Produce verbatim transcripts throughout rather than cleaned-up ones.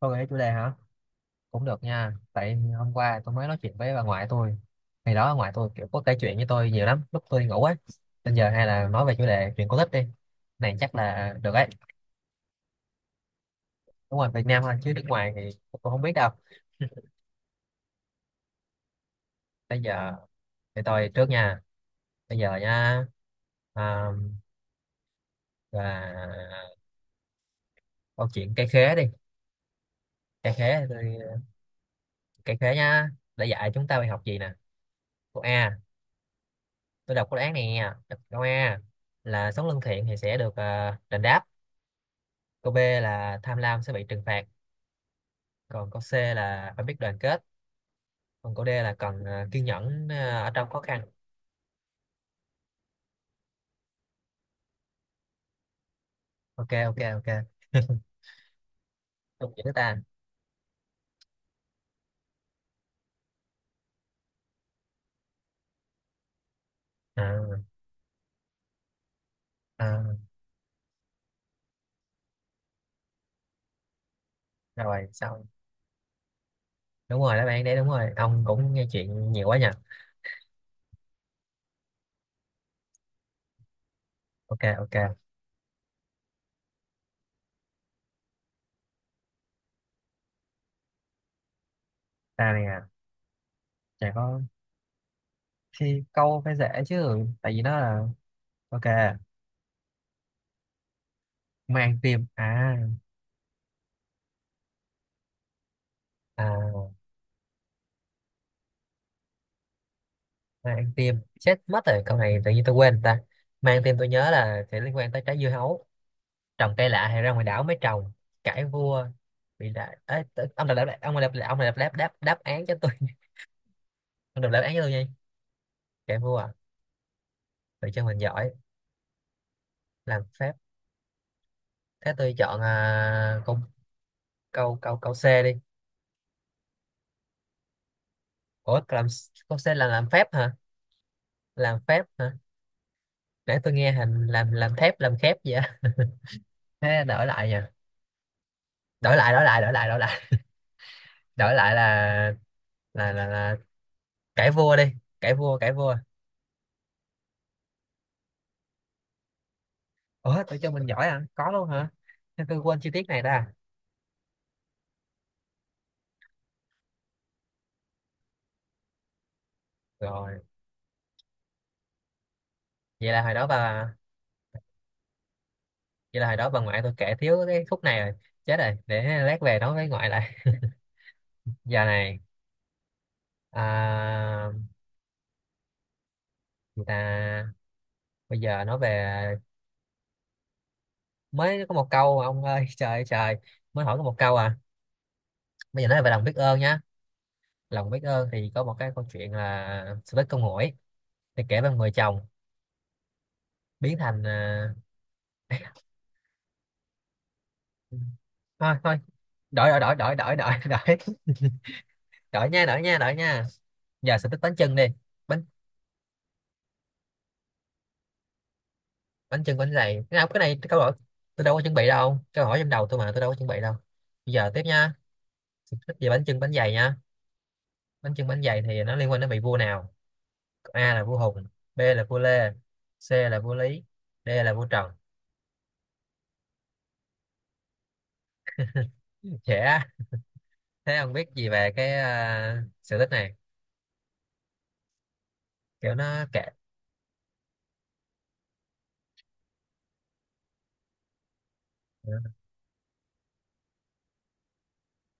Thôi gợi chủ đề hả? Cũng được nha. Tại hôm qua tôi mới nói chuyện với bà ngoại tôi. Ngày đó bà ngoại tôi kiểu có kể chuyện với tôi nhiều lắm. Lúc tôi đi ngủ á. Bây giờ hay là nói về chủ đề chuyện cổ tích đi. Này chắc là được ấy. Đúng rồi, Việt Nam thôi. Chứ nước ngoài thì tôi không biết đâu. Bây giờ thì tôi trước nha. Bây giờ nha. À, là câu chuyện cây khế đi. Cây khế tôi. Cây khế nha. Đã dạy chúng ta bài học gì nè. Câu A. Tôi đọc câu án này nha. Câu A là sống lương thiện thì sẽ được à, đền đáp. Câu B là tham lam sẽ bị trừng phạt, còn câu C là phải biết đoàn kết, còn câu D là cần ờ, kiên nhẫn ờ, ở trong khó khăn. Ok, ok, ok. Đúng chữ ta. À, à, rồi xong. Đúng rồi, đáp bạn đấy đúng rồi. Ông cũng nghe chuyện nhiều quá nhỉ. Ok, ok. Ta này à, chả có khi câu phải dễ chứ, tại vì nó là ok, mang tim. À à Mang tim. Chết mất rồi, câu này tự nhiên tôi quên ta. Mang tim tôi nhớ là sẽ liên quan tới trái dưa hấu, trồng cây lạ hay ra ngoài đảo mới trồng, cãi vua, bị đại. Ê, t- ông đọc đáp ông đọc ông đọc đáp đáp đáp án cho tôi. Ông đọc đáp án cho tôi nha. Cãi vua à? Tự cho mình giỏi. Làm phép. Thế tôi chọn à, câu câu câu câu C đi. Ủa làm câu C là làm phép hả? Làm phép hả? Nãy tôi nghe hình làm làm thép làm khép vậy á. Thế đổi lại nha. đổi lại đổi lại đổi lại đổi lại đổi lại là là là, là cãi vua đi. Cãi vua. Cãi vua ủa, tự cho mình giỏi à? Có luôn hả? Thế tôi quên chi tiết này ta. Rồi, vậy là hồi đó bà vậy là hồi đó bà ngoại tôi kể thiếu cái khúc này rồi. Chết rồi, để lát về nói với ngoại lại. Giờ này à, người ta bây giờ nói về. Mới có một câu mà ông ơi. Trời ơi trời. Mới hỏi có một câu à. Bây giờ nói về lòng biết ơn nhá. Lòng biết ơn thì có một cái câu chuyện là sự tích con muỗi. Thì kể về một người chồng biến thành à, thôi thôi. Đổi đổi đổi đổi đổi. đổi đổi đổi nha. Đổi nha. Đổi nha. Giờ sự tích bánh chưng đi. Bánh bánh chưng bánh dày, cái nào cái này câu hỏi. Tôi đâu có chuẩn bị đâu, câu hỏi trong đầu tôi mà tôi đâu có chuẩn bị đâu. Bây giờ tiếp nha. Thích về bánh chưng bánh dày nha. Bánh chưng bánh dày thì nó liên quan đến vị vua nào? A là vua Hùng, b là vua Lê, c là vua Lý, d là vua Trần. Trẻ. Thế ông biết gì về cái uh, sự tích này? Kiểu nó kệ.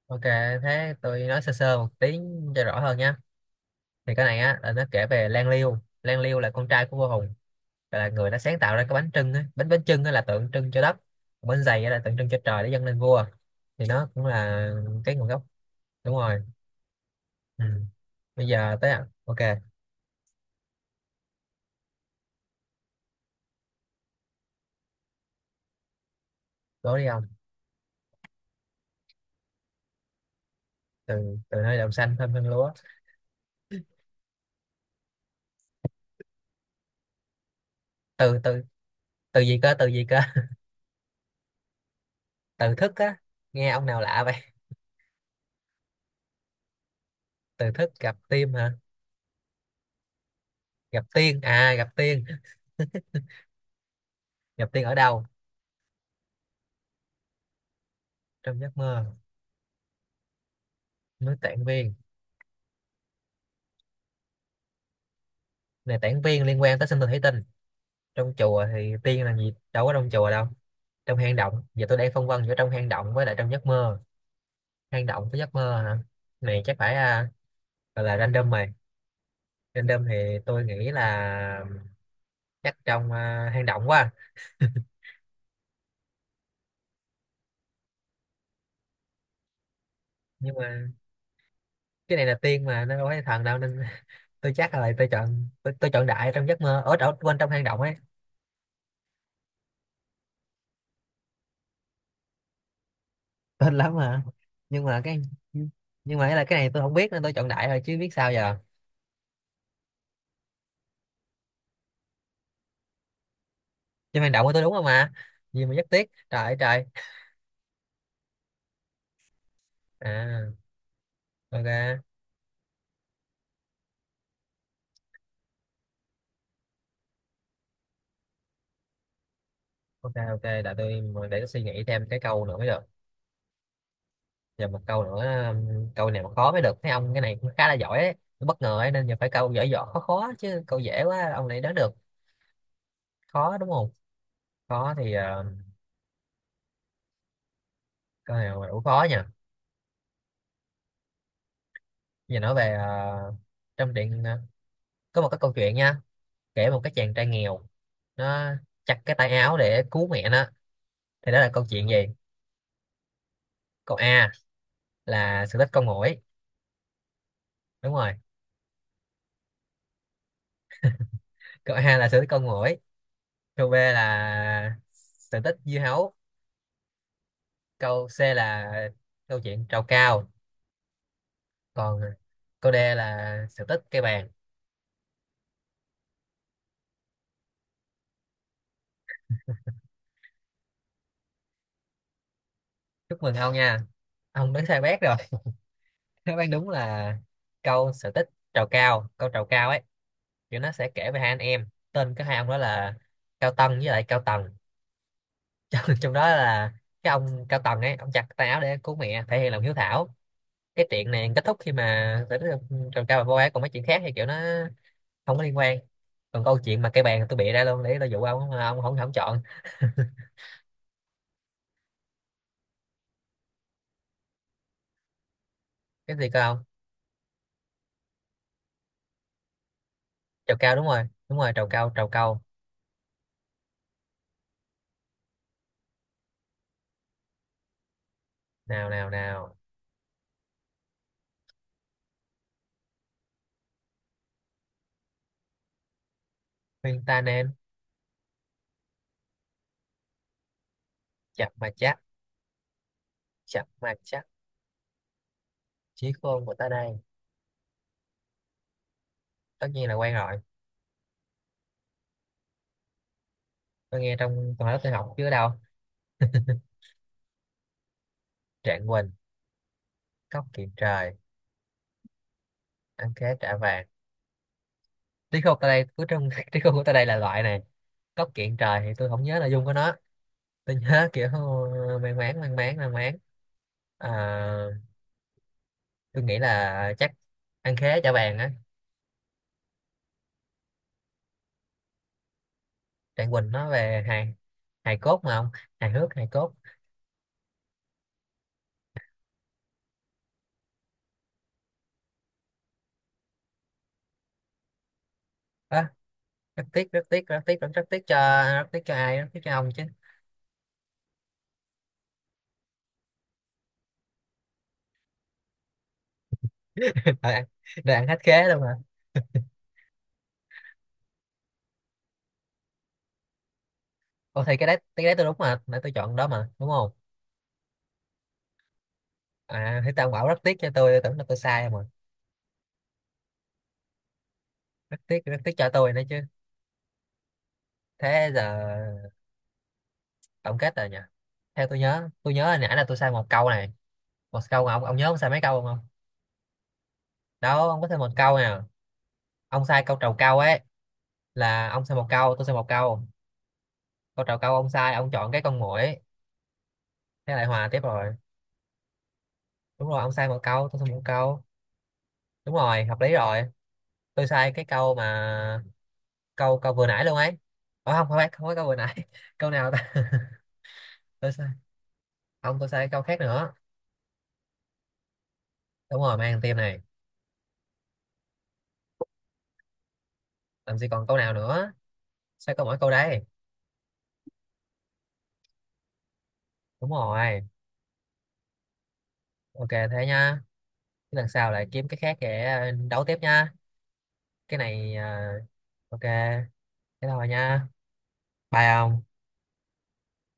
Ok, thế tôi nói sơ sơ một tí cho rõ hơn nhé. Thì cái này á là nó kể về Lan Liêu. Lan Liêu là con trai của vua Hùng, là người đã sáng tạo ra cái bánh trưng á. Bánh bánh trưng á là tượng trưng cho đất, còn bánh dày á là tượng trưng cho trời, để dâng lên vua. Thì nó cũng là cái nguồn gốc. Đúng rồi. Ừ. Bây giờ tới à? Ok, đố đi ông. Từ. Từ nơi đồng xanh thơm hương lúa. Từ từ. Từ gì cơ? Từ gì cơ? Từ thức á. Nghe ông nào lạ vậy. Từ thức gặp tim hả? Gặp tiên à? Gặp tiên. Gặp tiên ở đâu? Trong giấc mơ. Núi Tản Viên. Này Tản Viên liên quan tới sinh tồn thủy tinh. Trong chùa thì tiên làm gì đâu có trong chùa đâu. Trong hang động, giờ tôi đang phân vân giữa trong hang động với lại trong giấc mơ. Hang động với giấc mơ hả? Này chắc phải à, gọi là random mày. Random thì tôi nghĩ là chắc trong à, hang động quá. Nhưng mà cái này là tiên mà nó đâu phải thần đâu nên tôi chắc là tôi chọn tôi, tôi chọn đại trong giấc mơ. Ở ở quên, trong hang động ấy. Tên lắm mà. Nhưng mà cái nhưng mà cái là cái này tôi không biết nên tôi chọn đại rồi chứ biết sao giờ. Trong hang động của tôi đúng không mà? Gì mà rất tiếc, trời ơi trời. À, ok, ok, ok. Để tôi để tôi suy nghĩ thêm cái câu nữa mới được. Giờ một câu nữa, um, câu này mà khó mới được, thấy ông cái này cũng khá là giỏi ấy. Tôi bất ngờ ấy, nên giờ phải câu giỏi giỏi khó khó chứ câu dễ quá ông này đoán được. Khó đúng không? Khó thì ờ, câu này mà đủ khó nha. Giờ nói về ờ, trong truyện ờ, có một cái câu chuyện nha, kể một cái chàng trai nghèo. Nó chặt cái tay áo để cứu mẹ nó. Thì đó là câu chuyện gì? Câu A là sự tích con muỗi. Đúng rồi. Câu A là sự tích con muỗi. Câu B là sự tích dưa hấu. Câu C là câu chuyện trầu cao. Còn câu D là sự tích cây bàn. Chúc mừng ông nha. Ông đoán sai bét rồi. Đáp án đúng là câu sự tích trầu cao. Câu trầu cao ấy. Kiểu nó sẽ kể về hai anh em, tên cái hai ông đó là Cao Tân với lại Cao Tần. trong, trong đó là cái ông Cao Tần ấy, ông chặt tay áo để cứu mẹ, thể hiện lòng hiếu thảo. Cái chuyện này kết thúc khi mà sự tích trầu cao và vô ấy, còn mấy chuyện khác thì kiểu nó không có liên quan. Còn câu chuyện mà cây bàn tôi bịa ra luôn để tôi dụ ông mà ông không không chọn. Cái gì cơ ông? Trầu cau, đúng rồi. Đúng rồi, trầu cau, trầu cau. Nào nào nào. Khuyên ta nên chập mà chắc. Chập mà chắc. Chí khôn của ta đây. Tất nhiên là quen rồi. Tôi nghe trong toàn lớp tôi học chứ ở đâu. Trạng quỳnh. Cốc kiện trời. Ăn khế trả vàng. Trí khôn ta đây cứ trong trí khôn của ta đây là loại này. Cốc kiện trời thì tôi không nhớ nội dung của nó. Tôi nhớ kiểu uh, mang máng mang máng mang máng. À, tôi nghĩ là chắc ăn khế trả vàng á. Trạng quỳnh nó về hài, hài cốt mà không, hài hước hài cốt. Ơ, rất tiếc, rất tiếc, rất tiếc, rất, rất tiếc cho. Rất tiếc cho ai? Rất tiếc cho ông chứ. rồi ăn rồi ăn hết khế luôn mà. Ồ thì cái đấy, cái đấy tôi đúng mà, nãy tôi chọn đó mà, đúng không? À thì tao bảo rất tiếc cho tôi tôi tưởng là tôi sai mà. Rất tiếc, rất tiếc cho tôi nữa chứ. Thế giờ tổng kết rồi nhỉ. Theo tôi nhớ tôi nhớ hồi nãy là tôi sai một câu này. Một câu mà ông ông nhớ ông sai mấy câu không? Không? Đó, ông có thêm một câu nè. Ông sai câu trầu cau ấy, là ông sai một câu, tôi sai một câu. Câu trầu cau ông sai, ông chọn cái con muỗi. Thế lại hòa tiếp rồi. Đúng rồi, ông sai một câu, tôi sai một câu. Đúng rồi, hợp lý rồi. Tôi sai cái câu mà câu câu vừa nãy luôn ấy. Ờ không, không phải, không phải câu vừa nãy. Câu nào ta? tôi sai không, tôi sai cái câu khác nữa. Đúng rồi, mang tim này. Làm gì còn câu nào nữa, sao có mỗi câu đấy. Đúng rồi. Ok, thế nha. Cái lần sau lại kiếm cái khác để ờ, đấu tiếp nha. Cái này ờ, ok, thế thôi nha. Bye ông.